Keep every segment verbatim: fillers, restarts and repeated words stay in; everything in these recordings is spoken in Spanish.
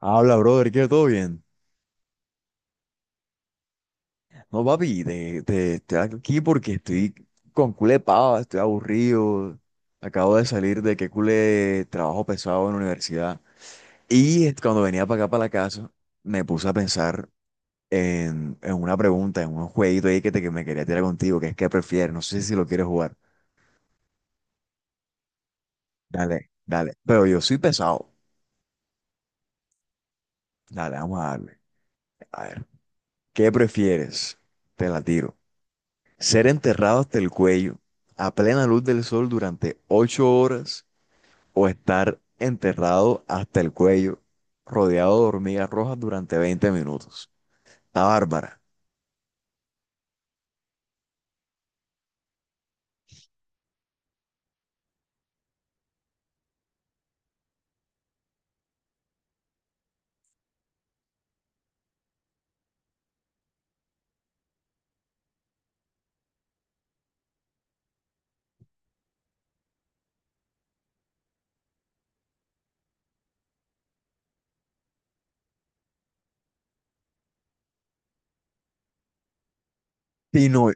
Habla, brother, que todo bien. No, papi, te, te- estoy aquí porque estoy con culé pava, estoy aburrido. Acabo de salir de que culé trabajo pesado en la universidad. Y es- cuando venía para acá, para la casa, me puse a pensar en, en una pregunta, en un jueguito ahí que, te, que me quería tirar contigo, que es que prefieres. No sé si lo quieres jugar. Dale, dale. Pero yo soy pesado. Dale, vamos a darle. A ver, ¿qué prefieres? Te la tiro. Ser enterrado hasta el cuello a plena luz del sol durante ocho horas o estar enterrado hasta el cuello rodeado de hormigas rojas durante veinte minutos. Está bárbara. Y no,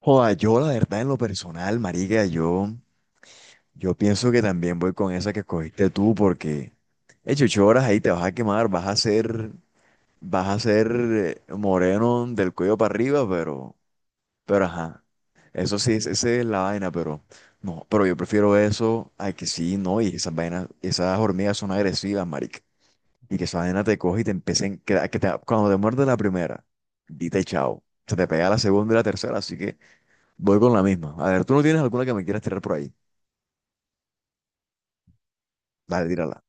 joda, yo la verdad en lo personal, marica, yo, yo pienso que también voy con esa que escogiste tú porque hecho ocho horas ahí te vas a quemar, vas a ser, vas a ser eh, moreno del cuello para arriba, pero Pero ajá, eso sí, es- esa es la vaina, pero no, pero yo prefiero eso a que sí, no, y esas vainas, esas hormigas son agresivas, marica. Y que esa vaina te coge y te empiecen, que, que te- cuando te muerde la primera, dite chao. Se te pega la segunda y la tercera, así que voy con la misma. A ver, ¿tú no tienes alguna que me quieras tirar por ahí? Dale, tírala.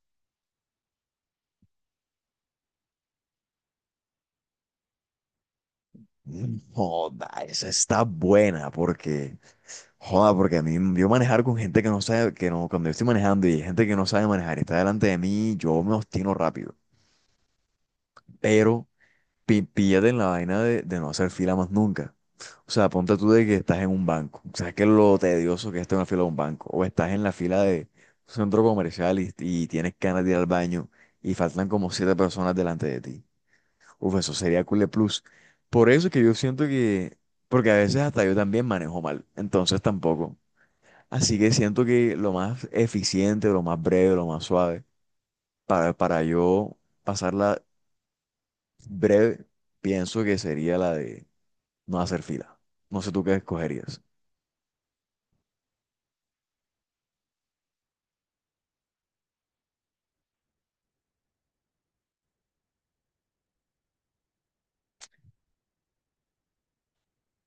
Mm, Joda, esa está buena, porque, joda, porque a mí, yo manejar con gente que no sabe, que no, cuando yo estoy manejando y hay gente que no sabe manejar y está delante de mí, yo me obstino rápido. Pero pi- píllate en la vaina de, de no hacer fila más nunca. O sea, ponte tú de que estás en un banco. ¿Sabes qué es lo tedioso que es estar en la fila de un banco? O estás en la fila de un centro comercial y, y tienes ganas de ir al baño y faltan como siete personas delante de ti. Uf, eso sería Cule Plus. Por eso es que yo siento que, porque a veces hasta yo también manejo mal, entonces tampoco. Así que siento que lo más eficiente, lo más breve, lo más suave, para, para yo pasarla breve, pienso que sería la de no hacer fila. No sé tú qué escogerías.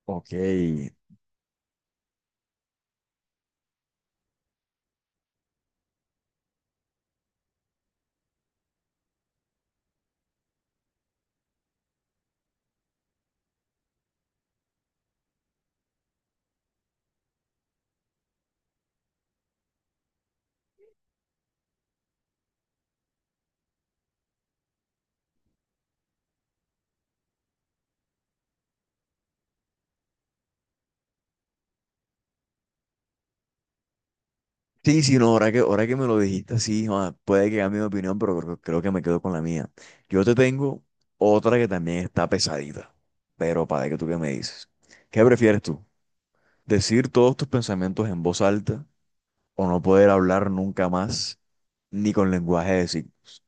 Ok. Sí, sí, no, ahora que, ahora que me lo dijiste así, joda, puede que cambie mi opinión, pero creo, creo que me quedo con la mía. Yo te tengo otra que también está pesadita, pero para que tú qué me dices. ¿Qué prefieres tú? ¿Decir todos tus pensamientos en voz alta o no poder hablar nunca más ni con lenguaje de signos?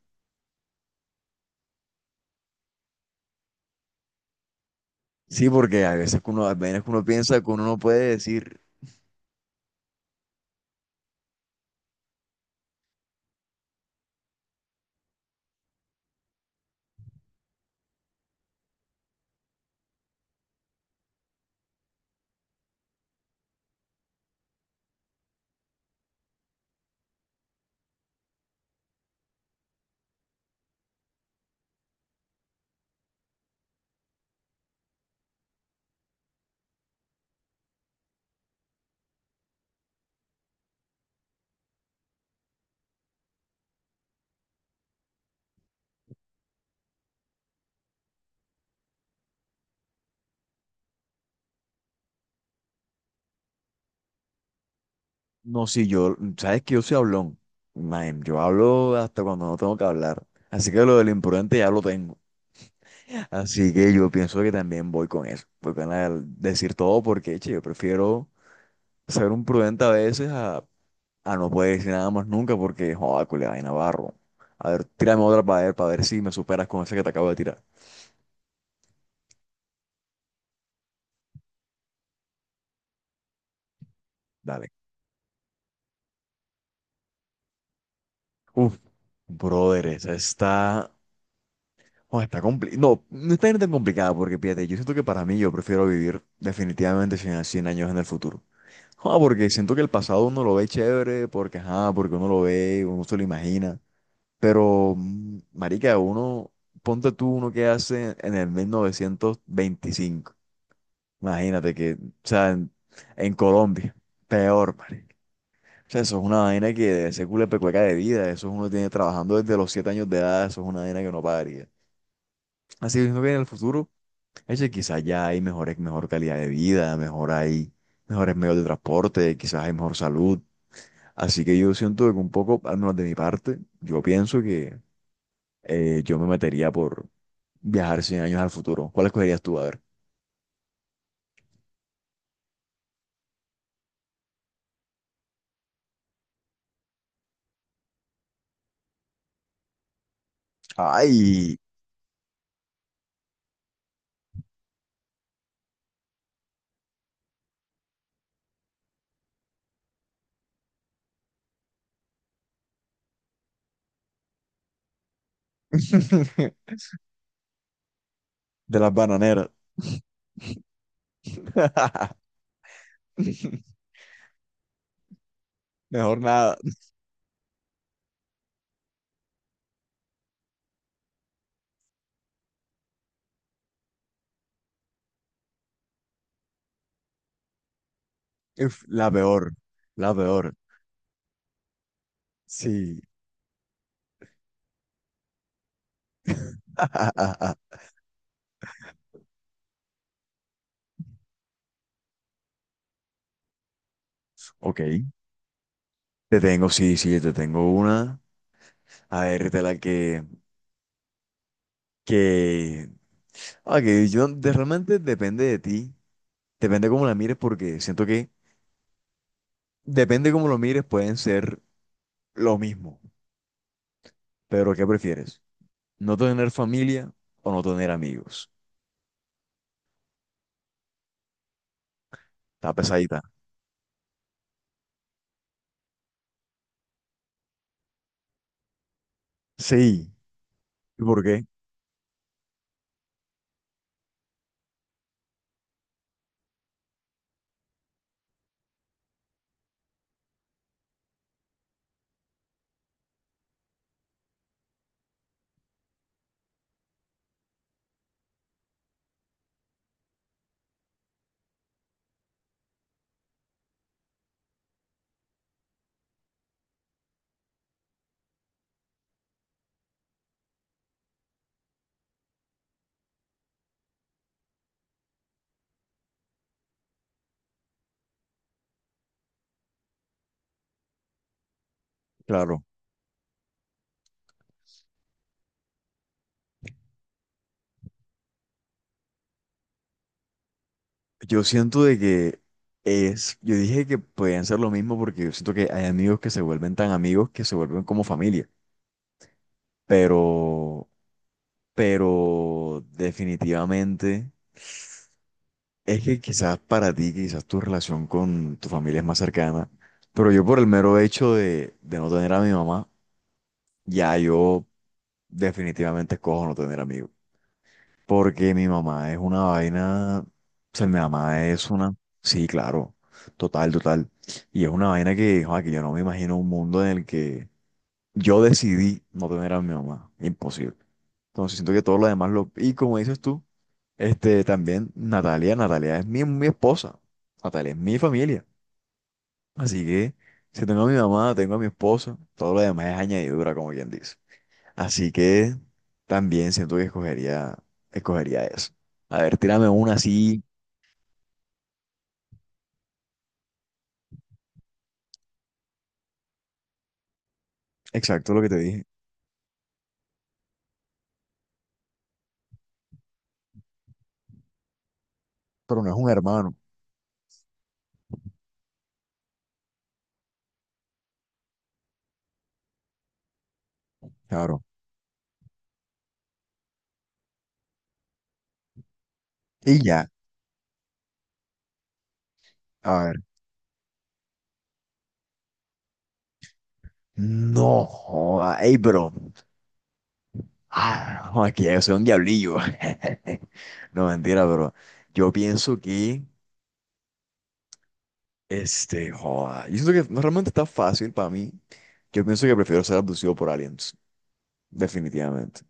Sí, porque a veces que uno, a veces que uno piensa que uno no puede decir. No, sí, yo, sabes que yo soy hablón. Man, yo hablo hasta cuando no tengo que hablar. Así que lo del imprudente ya lo tengo. Así que yo pienso que también voy con eso. Voy con la del decir todo porque, che, yo prefiero ser un prudente a veces a, a no poder decir nada más nunca porque, joder, culia, vaina barro. A ver, tírame otra para ver, para ver si me superas con esa que te acabo de tirar. Dale. Uf, brother, esa está. Oh, está compli- no, no está tan complicada porque, fíjate, yo siento que para mí yo prefiero vivir definitivamente cien a años en el futuro. Ah, porque siento que el pasado uno lo ve chévere, porque, ajá, porque uno lo ve, uno se lo imagina. Pero, mm, marica, uno, ponte tú uno que hace en el mil novecientos veinticinco. Imagínate que, o sea, en, en Colombia, peor, marica. O sea, eso es una vaina que debe ser culepecueca de vida. Eso uno tiene trabajando desde los siete años de edad. Eso es una vaina que no pagaría. Así que siento que en el futuro. Ese quizás ya hay mejores, mejor calidad de vida, mejor hay mejores medios de transporte, quizás hay mejor salud. Así que yo siento que un poco, al menos de mi parte, yo pienso que eh, yo me metería por viajar cien años al futuro. ¿Cuál escogerías tú? A ver. ¡Ay! De las bananeras. Mejor nada. Uf, la peor. La peor. Sí. Ok. Te tengo, sí, sí, te tengo una. A ver, de la que, que ok, yo de- realmente depende de ti, depende cómo la mires, porque siento que depende cómo lo mires, pueden ser lo mismo. Pero ¿qué prefieres? ¿No tener familia o no tener amigos? Está pesadita. Sí. ¿Y por qué? Claro. Yo siento de que es, yo dije que podían ser lo mismo porque yo siento que hay amigos que se vuelven tan amigos que se vuelven como familia. Pero, pero definitivamente. Es que quizás para ti, quizás tu relación con tu familia es más cercana, pero yo por el mero hecho de, de no tener a mi mamá, ya yo definitivamente escojo no tener amigos. Porque mi mamá es una vaina, o sea, mi mamá es una, sí, claro, total, total. Y es una vaina que, joa, que yo no me imagino un mundo en el que yo decidí no tener a mi mamá. Imposible. Entonces siento que todo lo demás lo... Y como dices tú, este, también Natalia, Natalia es mi, mi esposa. Natalia es mi familia. Así que si tengo a mi mamá, tengo a mi esposa, todo lo demás es añadidura, como quien dice. Así que también siento que escogería, escogería eso. A ver, tírame una así, exacto lo que te dije. Pero no es un hermano, claro. Y ya, a ver. No, joda, ey, bro. Ah, no, aquí yo soy un diablillo. No, mentira, pero yo pienso que, este, joda, yo siento que no realmente está fácil para mí. Yo pienso que prefiero ser abducido por aliens, definitivamente.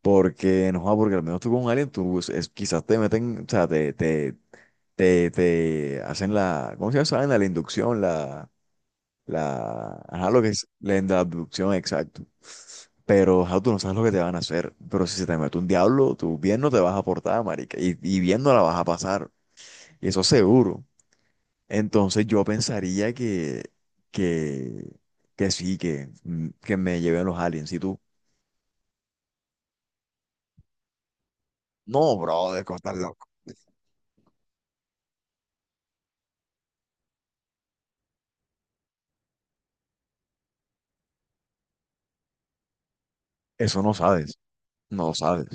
Porque, no, joda, porque al menos tú con un alien, tú es- es- quizás te meten, o sea, te, te, te, te hacen la, ¿cómo se llama esa vaina? La inducción, la... la, ajá, lo que es la, la abducción, exacto. Pero, ajá, tú no sabes lo que te van a hacer. Pero si se te mete un diablo, tú bien no te vas a portar, marica. Y, y bien no la vas a pasar. Y eso seguro. Entonces yo pensaría que, que, que sí, que, mm, que me lleven los aliens. Y tú, no, bro, de costas loco. Eso no sabes. No lo sabes.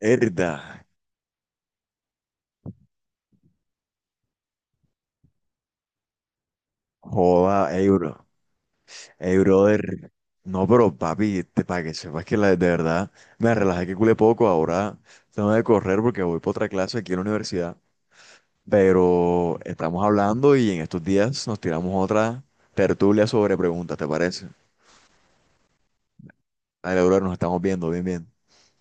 Herda. Joda, euro. Ey, brother. No, pero papi, te, para que sepas que la, de verdad me relajé que culé poco. Ahora tengo que correr porque voy para otra clase aquí en la universidad. Pero estamos hablando y en estos días nos tiramos otra tertulia sobre preguntas, ¿te parece? Dale, brother, nos estamos viendo. Bien, bien.